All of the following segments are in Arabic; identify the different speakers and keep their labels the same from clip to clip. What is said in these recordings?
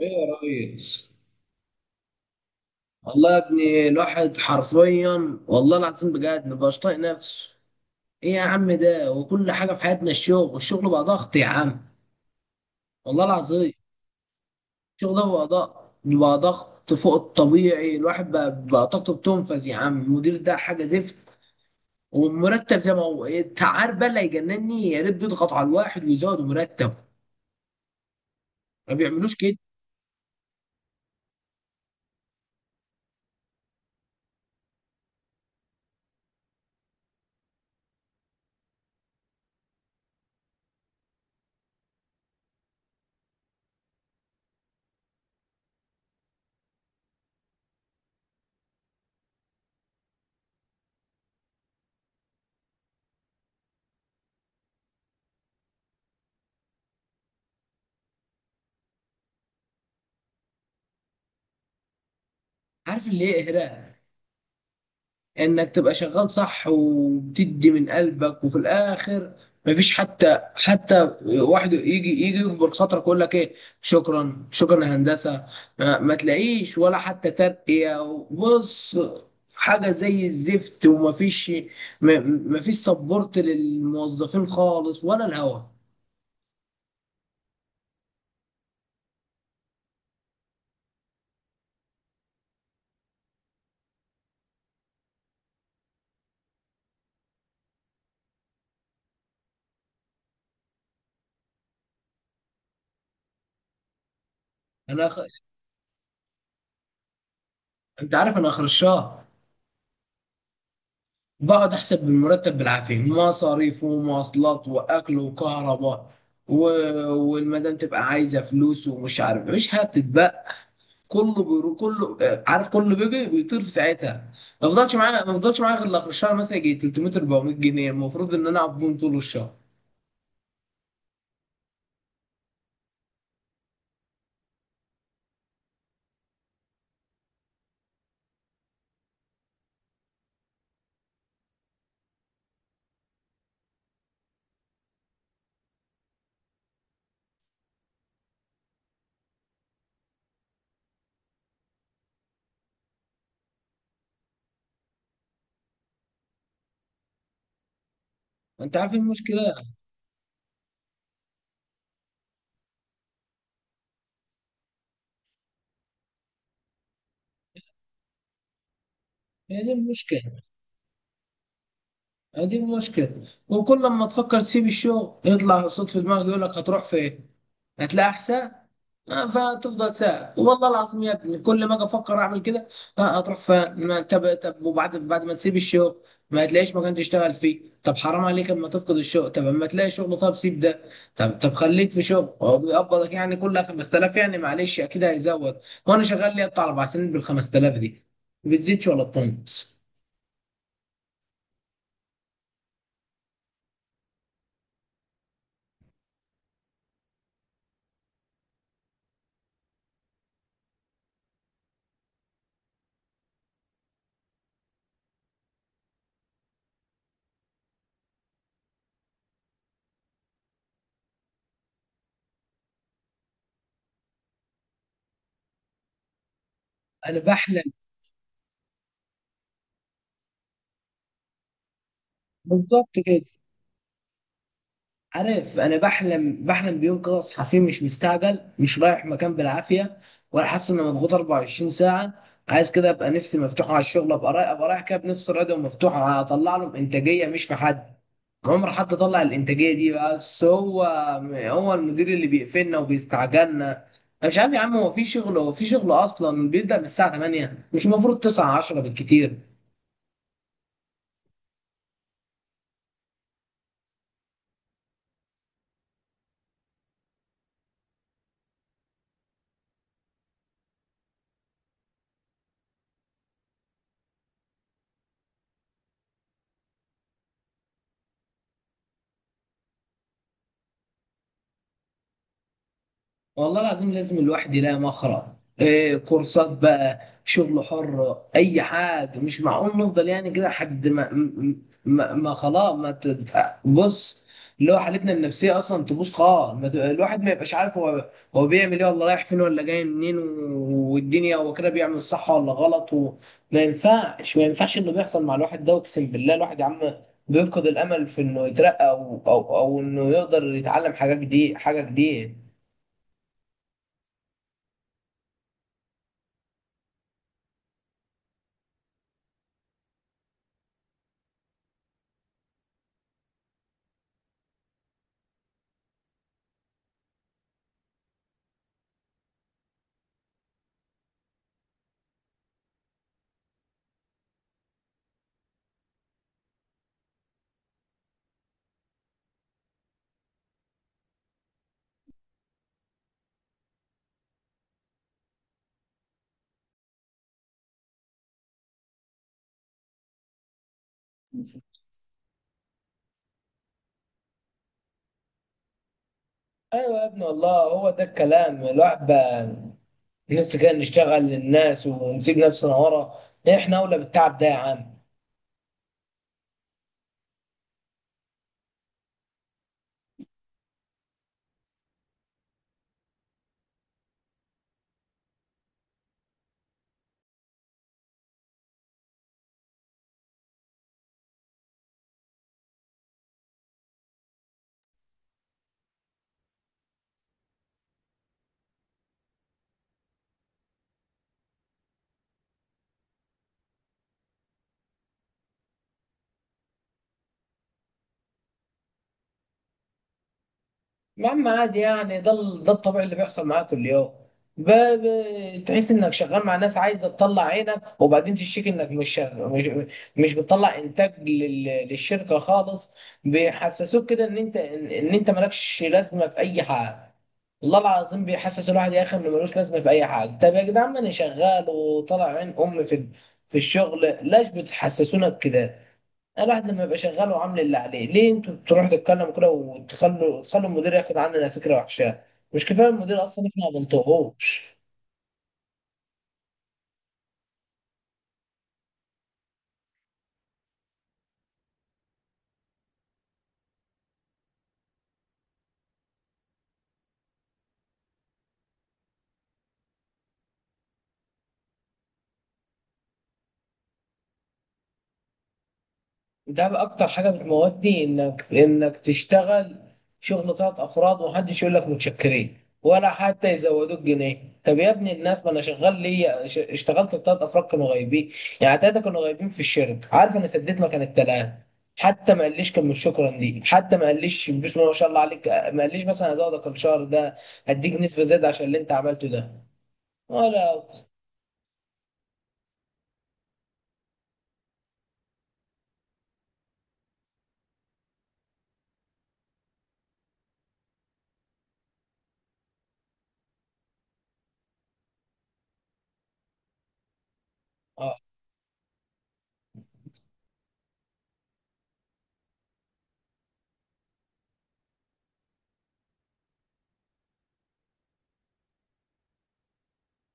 Speaker 1: ايه يا ريس. والله يا ابني الواحد حرفيا والله العظيم بجد مبقاش طايق نفسه. ايه يا عم ده، وكل حاجه في حياتنا، الشغل بقى ضغط يا عم. والله العظيم. الشغل ده بقى ضغط، فوق الطبيعي. الواحد بقى طاقته بتنفذ يا عم. المدير ده حاجه زفت، والمرتب زي ما هو. إيه، انت عارف بقى اللي هيجنني؟ يا ريت بيضغط على الواحد ويزودوا مرتبه، ما بيعملوش كده. عارف اللي ايه اهراء؟ انك تبقى شغال صح وبتدي من قلبك، وفي الاخر مفيش حتى واحد يجي يكبر خاطرك يقول لك ايه، شكرا شكرا يا هندسه. ما تلاقيش ولا حتى ترقيه. بص، حاجه زي الزفت. ومفيش ما- مفيش سبورت للموظفين خالص ولا الهوا. انا أخ... انت عارف انا اخر الشهر بقعد احسب المرتب بالعافيه، مصاريف ومواصلات واكل وكهرباء، و... والمدام تبقى عايزه فلوس ومش عارف، مفيش حاجه بتتبقى. كله بيرو، كله عارف، كله بيجي بيطير في ساعتها. ما فضلش معايا غير اخر الشهر مثلا يجي 300 400 جنيه المفروض ان انا اقعد بيهم طول الشهر. انت عارف إيه المشكله؟ هي دي المشكله. هي دي المشكله، وكل لما تفكر تسيب الشغل يطلع صوت في دماغك يقول لك هتروح فين؟ هتلاقي احسن؟ فتفضل ساعة. والله العظيم يا ابني كل ما اجي افكر اعمل كده، هتروح فين؟ طب وبعد ما تسيب الشغل ما تلاقيش مكان تشتغل فيه. طب حرام عليك اما تفقد الشغل. طب اما تلاقي شغل، طب سيب ده. طب خليك في شغل هو بيقبضك، يعني كل 5000 يعني معلش اكيد هيزود. وانا شغال لي بتاع 4 سنين بال 5000 دي، بتزيدش ولا بتنقص. انا بحلم. بالظبط كده. عارف، انا بحلم بيوم كده اصحى فيه مش مستعجل، مش رايح مكان بالعافيه، ولا حاسس اني مضغوط 24 ساعه. عايز كده ابقى نفسي مفتوحه على الشغل، ابقى رايح كده بنفس راضيه ومفتوحه، هطلع لهم انتاجيه مش في حد. عمر حد طلع الانتاجيه دي، بس هو، هو المدير اللي بيقفلنا وبيستعجلنا. انا مش عارف يا عم، هو في شغل اصلا بيبدا من الساعه 8، مش المفروض 9 10 بالكتير؟ والله العظيم لازم الواحد يلاقي مخرج. إيه، كورسات بقى، شغل حر، اي حاجه. مش معقول نفضل يعني كده لحد ما خلاص ما تد... بص، اللي هو حالتنا النفسيه اصلا تبوظ خالص. ما ت- الواحد ما يبقاش عارف هو بيعمل ايه، ولا رايح فين، ولا جاي منين، والدنيا هو كده بيعمل صح ولا غلط. وما ينفعش ما ينفعش انه بيحصل مع الواحد ده. اقسم بالله الواحد يا عم بيفقد الامل في انه يترقى او انه يقدر يتعلم حاجه جديده حاجه جديده. ايوه يا ابن الله، هو ده الكلام. الواحد بقى نفسه كده نشتغل للناس ونسيب نفسنا ورا. احنا اولى بالتعب ده يا عم. يا عم عادي يعني، ده الطبيعي اللي بيحصل معاك كل يوم. تحس انك شغال مع ناس عايزه تطلع عينك، وبعدين تشتكي انك مش شغ- مش مش بتطلع انتاج للشركه خالص. بيحسسوك كده ان انت ان إن انت مالكش لازمه في اي حاجه. والله العظيم بيحسس الواحد يا اخي انه ملوش لازمه في اي حاجه. طب يا جدعان، ما انا شغال وطالع عين امي في الشغل، ليش بتحسسونا بكده؟ الواحد لما يبقى شغال وعامل اللي عليه، ليه انتوا بتروحوا تتكلموا كده تخلوا المدير ياخد عننا فكره وحشه؟ مش كفايه المدير اصلا احنا ما بنطقهوش. ده بقى اكتر حاجه بتموتني، انك تشتغل شغل 3 افراد ومحدش يقول لك متشكرين، ولا حتى يزودوك جنيه. طب يا ابني الناس، ما انا شغال ليا اشتغلت ب3 افراد كانوا غايبين. يعني ثلاثه كانوا غايبين في الشركه، عارف، انا سديت مكان ال3. حتى ما قاليش كلمه شكرا لي، حتى ما قاليش بسم الله ما شاء الله عليك، ما قاليش مثلا هزودك الشهر ده، هديك نسبه زياده عشان اللي انت عملته ده، ولا.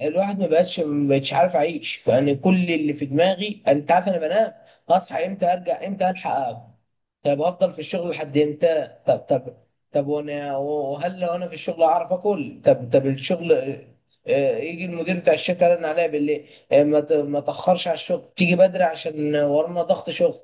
Speaker 1: الواحد ما بقتش عارف اعيش. فانا كل اللي في دماغي انت عارف انا بنام، اصحى امتى، ارجع امتى، الحق أقعد. طب افضل في الشغل لحد امتى؟ طب وانا وهل لو انا في الشغل اعرف اكل؟ طب الشغل، يجي المدير بتاع الشركه رن عليا بالليل، ما تاخرش على الشغل، تيجي بدري عشان ورانا ضغط شغل.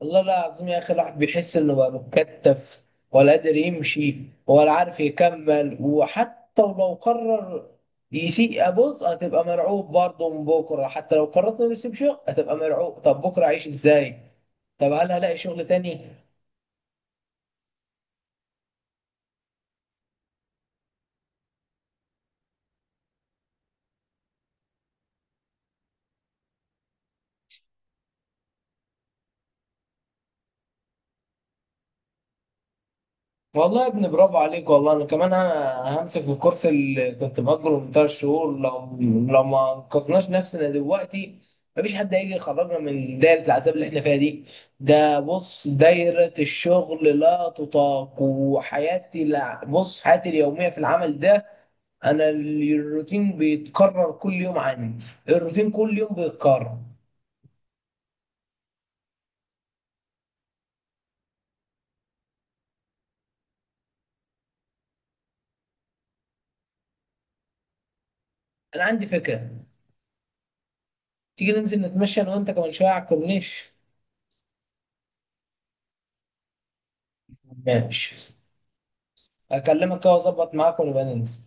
Speaker 1: والله العظيم يا اخي الواحد بيحس انه بقى متكتف، ولا قادر يمشي، ولا عارف يكمل. وحتى لو قرر يسيء، بص، هتبقى مرعوب برضه من بكره. حتى لو قررت انه يسيب شغل هتبقى مرعوب، طب بكره اعيش ازاي؟ طب هل هلاقي شغل تاني؟ والله يا ابني برافو عليك. والله انا كمان همسك في الكورس اللي كنت مأجره من 3 شهور. لو ما انقذناش نفسنا دلوقتي، مفيش حد هيجي يخرجنا من دايرة العذاب اللي احنا فيها دي. ده بص دايرة الشغل لا تطاق، وحياتي، لا بص، حياتي اليومية في العمل ده، انا الروتين بيتكرر كل يوم عندي، الروتين كل يوم بيتكرر. انا عندي فكرة. تيجي ننزل نتمشى انا وانت كمان شوية على الكورنيش؟ ماشي. اكلمك كده واظبط معاك ونبقى ننزل.